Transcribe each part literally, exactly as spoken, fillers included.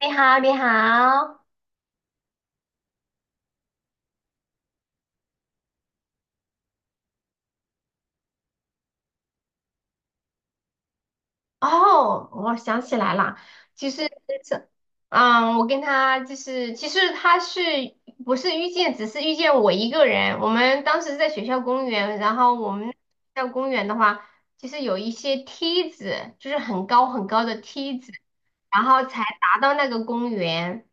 你好，你好，哦，我想起来了。其实，这，嗯，我跟他就是，其实他是不是遇见，只是遇见我一个人。我们当时在学校公园，然后我们学校公园的话，就是有一些梯子，就是很高很高的梯子，然后才达到那个公园。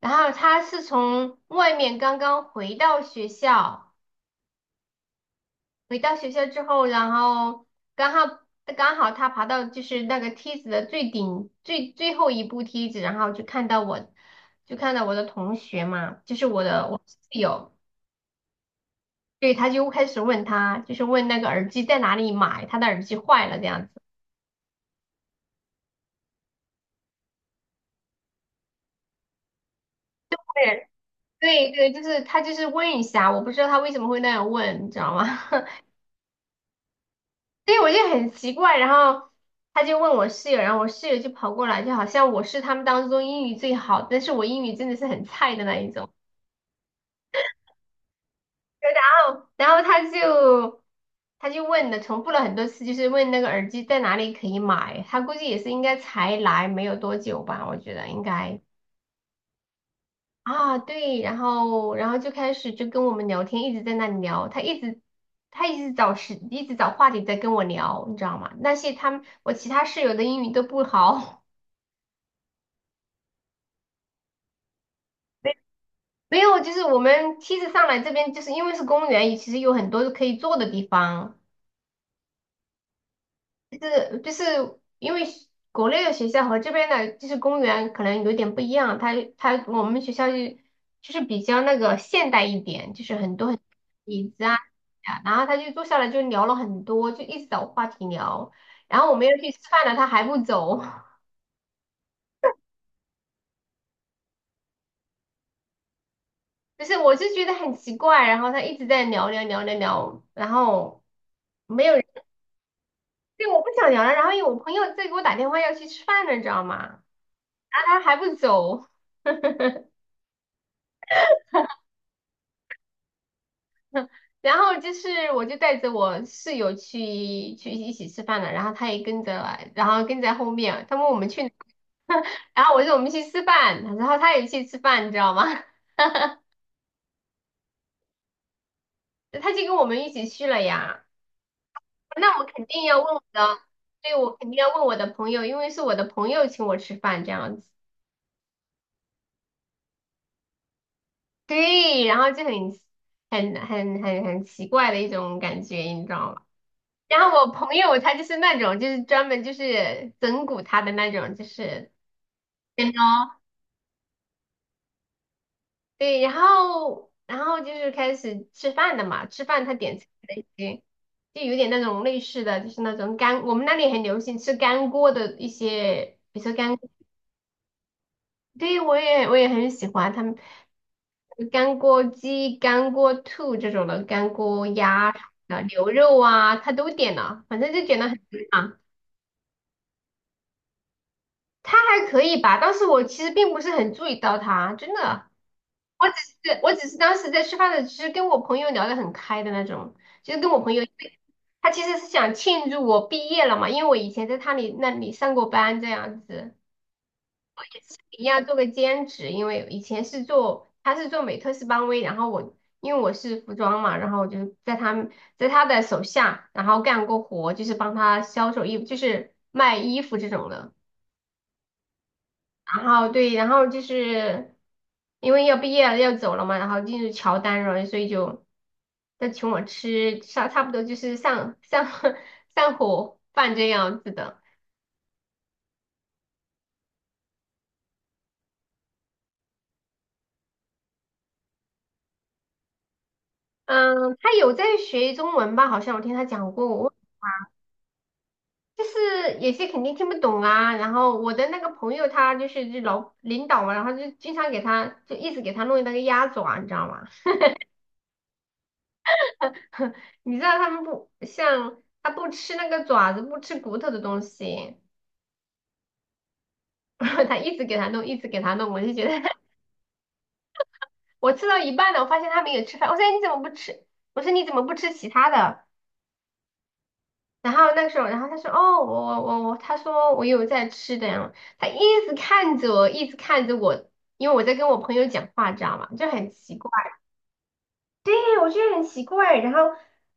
然后他是从外面刚刚回到学校。回到学校之后，然后刚好刚好他爬到就是那个梯子的最顶最最后一步梯子，然后就看到我，就看到我的同学嘛，就是我的我室友。对，他就开始问他，就是问那个耳机在哪里买，他的耳机坏了这样子。对对，就是他就是问一下，我不知道他为什么会那样问，你知道吗？对，我就很奇怪。然后他就问我室友，然后我室友就跑过来，就好像我是他们当中英语最好，但是我英语真的是很菜的那一种。然后他就他就问了，重复了很多次，就是问那个耳机在哪里可以买。他估计也是应该才来没有多久吧，我觉得应该啊，对。然后然后就开始就跟我们聊天，一直在那里聊，他一直他一直找时，一直找话题在跟我聊，你知道吗？那些他们我其他室友的英语都不好。没没有，就是我们梯子上来这边，就是因为是公园，其实有很多可以坐的地方。就是就是因为学国内的学校和这边的就是公园可能有点不一样，他他我们学校就就是比较那个现代一点，就是很多很椅子啊，啊然后他就坐下来就聊了很多，就一直找话题聊，然后我们要去吃饭了，他还不走。就是我就觉得很奇怪，然后他一直在聊聊聊聊聊，然后没有人。对，我不想聊了，然后有我朋友在给我打电话要去吃饭了，你知道吗？然后他还不走。然后就是我就带着我室友去去一起吃饭了，然后他也跟着来然后跟在后面，他问我们去哪。然后我说我们去吃饭，然后他也去吃饭，你知道吗？他就跟我们一起去了呀。那我肯定要问我的，对，我肯定要问我的朋友，因为是我的朋友请我吃饭这样子。对，然后就很很很很很奇怪的一种感觉，你知道吗？然后我朋友他就是那种，就是专门就是整蛊他的那种，就是。对，然后然后就是开始吃饭了嘛，吃饭他点菜的一些，就有点那种类似的，就是那种干，我们那里很流行吃干锅的一些，比如说干，对，我也我也很喜欢他们干锅鸡、干锅兔这种的，干锅鸭啊、牛肉啊，他都点了，反正就点了很多嘛。他还可以吧，但是我其实并不是很注意到他，真的。我只是我只是当时在吃饭的，其实跟我朋友聊得很开的那种，就是跟我朋友，因为他其实是想庆祝我毕业了嘛，因为我以前在他里那里上过班这样子，一样做个兼职，因为以前是做他是做美特斯邦威，然后我因为我是服装嘛，然后我就在他们在他的手下，然后干过活，就是帮他销售衣服，就是卖衣服这种的。然后对，然后就是因为要毕业了要走了嘛，然后进入乔丹了，所以就他请我吃差差不多就是上上 上火饭这样子的。嗯，他有在学中文吧？好像我听他讲过，我就是有些肯定听不懂啊。然后我的那个朋友他就是就老领导嘛，然后就经常给他就一直给他弄那个鸭爪，你知道吗？你知道他们不像他不吃那个爪子，不吃骨头的东西。他一直给他弄，一直给他弄，我就觉得。 我吃到一半了，我发现他没有吃饭，我说哎你怎么不吃？我说你怎么不吃其他的？然后那个时候，然后他说哦我我我我，他说我有在吃的呀，他一直看着我，一直看着我，因为我在跟我朋友讲话，知道吗？就很奇怪，哎，我觉得很奇怪。然后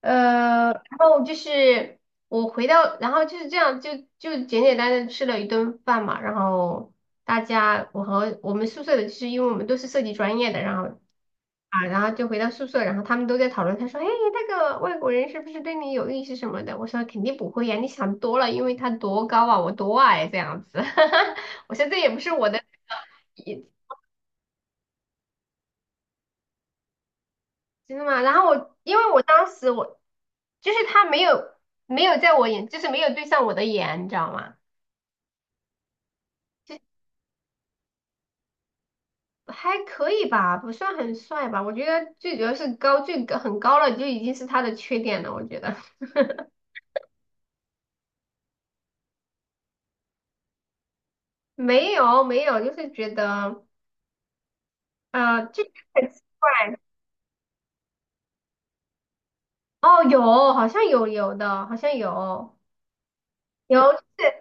呃，然后就是我回到，然后就是这样，就就简简单单地吃了一顿饭嘛，然后。大家，我和我们宿舍的，就是因为我们都是设计专业的，然后啊，然后就回到宿舍，然后他们都在讨论，他说：“哎，那个外国人是不是对你有意思什么的？”我说：“肯定不会呀，你想多了，因为他多高啊，我多矮这样子。我说：“这也不是我的，真的吗？”然后我因为我当时我就是他没有没有在我眼，就是没有对上我的眼，你知道吗？还可以吧，不算很帅吧。我觉得最主要是高，最高很高了就已经是他的缺点了。我觉得 没有没有，就是觉得呃，就很奇怪。哦，有，好像有有的，好像有有。就是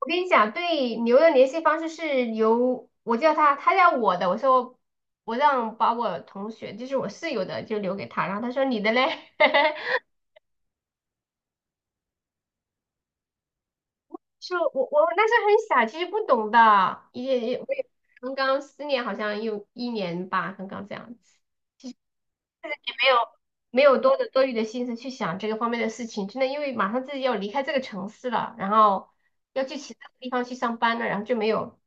我跟你讲，对牛的联系方式是由我叫他，他叫我的。我说我让把我同学，就是我室友的，就留给他。然后他说你的嘞，是我我那时候很傻，其实不懂的，也也我也刚刚失恋，好像有一年吧，刚刚这样子，没有没有多的多余的心思去想这个方面的事情，真的因为马上自己要离开这个城市了，然后要去其他地方去上班了，然后就没有。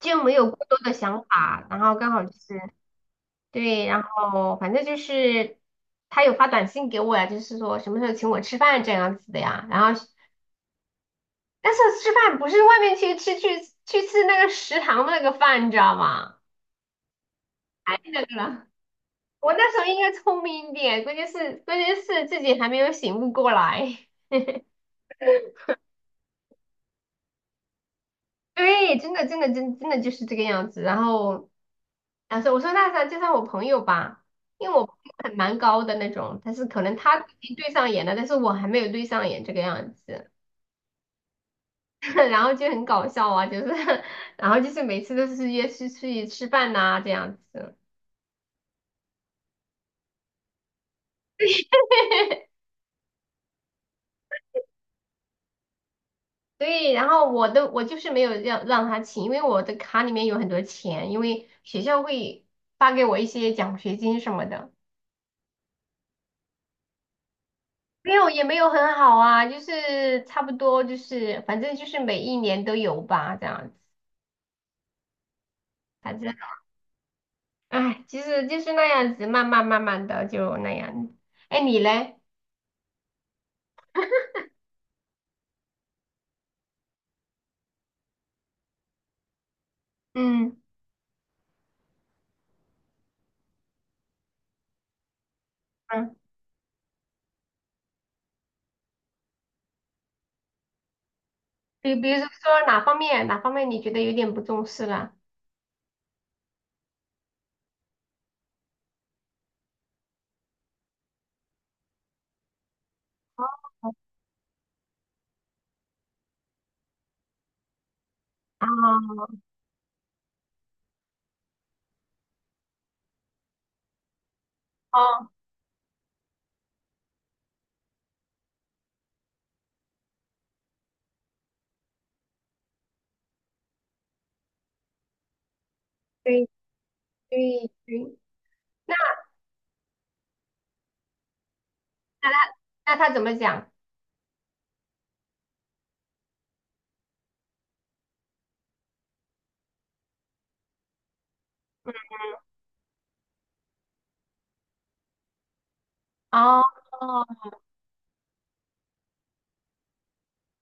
就没有过多的想法，然后刚好就是对，然后反正就是他有发短信给我呀，就是说什么时候请我吃饭这样子的呀，然后但是吃饭不是外面去吃去去吃那个食堂的那个饭，你知道吗？太那个了，我那时候应该聪明一点，关键是关键是自己还没有醒悟过来。对，真的真的真真的就是这个样子，然后。啊，所以我说那啥，就绍我朋友吧，因为我朋友很蛮高的那种，但是可能他已经对上眼了，但是我还没有对上眼这个样子。然后就很搞笑啊，就是，然后就是每次都是约出去吃饭呐、这样子。对，然后我都我就是没有让让他请，因为我的卡里面有很多钱，因为学校会发给我一些奖学金什么的。没有，也没有很好啊，就是差不多，就是反正就是每一年都有吧，这样子。反正。哎，其实就是那样子，慢慢慢慢的就那样。哎，你嘞？嗯嗯，比比如说说哪方面哪方面你觉得有点不重视了？啊哦，对对对，那那他那他怎么讲？哦哦，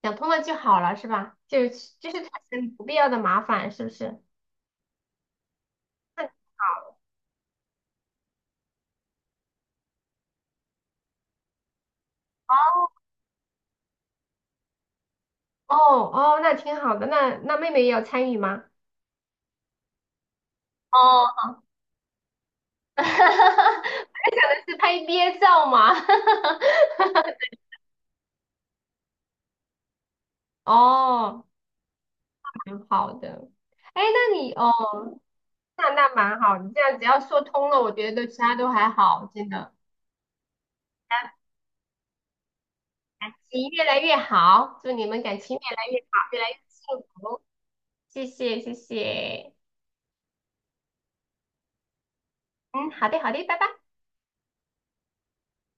讲通了就好了是吧？就就是产生不必要的麻烦是不是？那好。哦哦哦，那挺好的。那那妹妹也有参与吗？哦，我在想的是拍毕业照嘛。哈哈哈哦，蛮好的。哎，那你哦，那那蛮好，你这样只要说通了，我觉得其他都还好，真的。感感情越来越好，祝你们感情越来越好，越来越幸福。谢谢，谢谢。嗯，好的，好的，拜拜。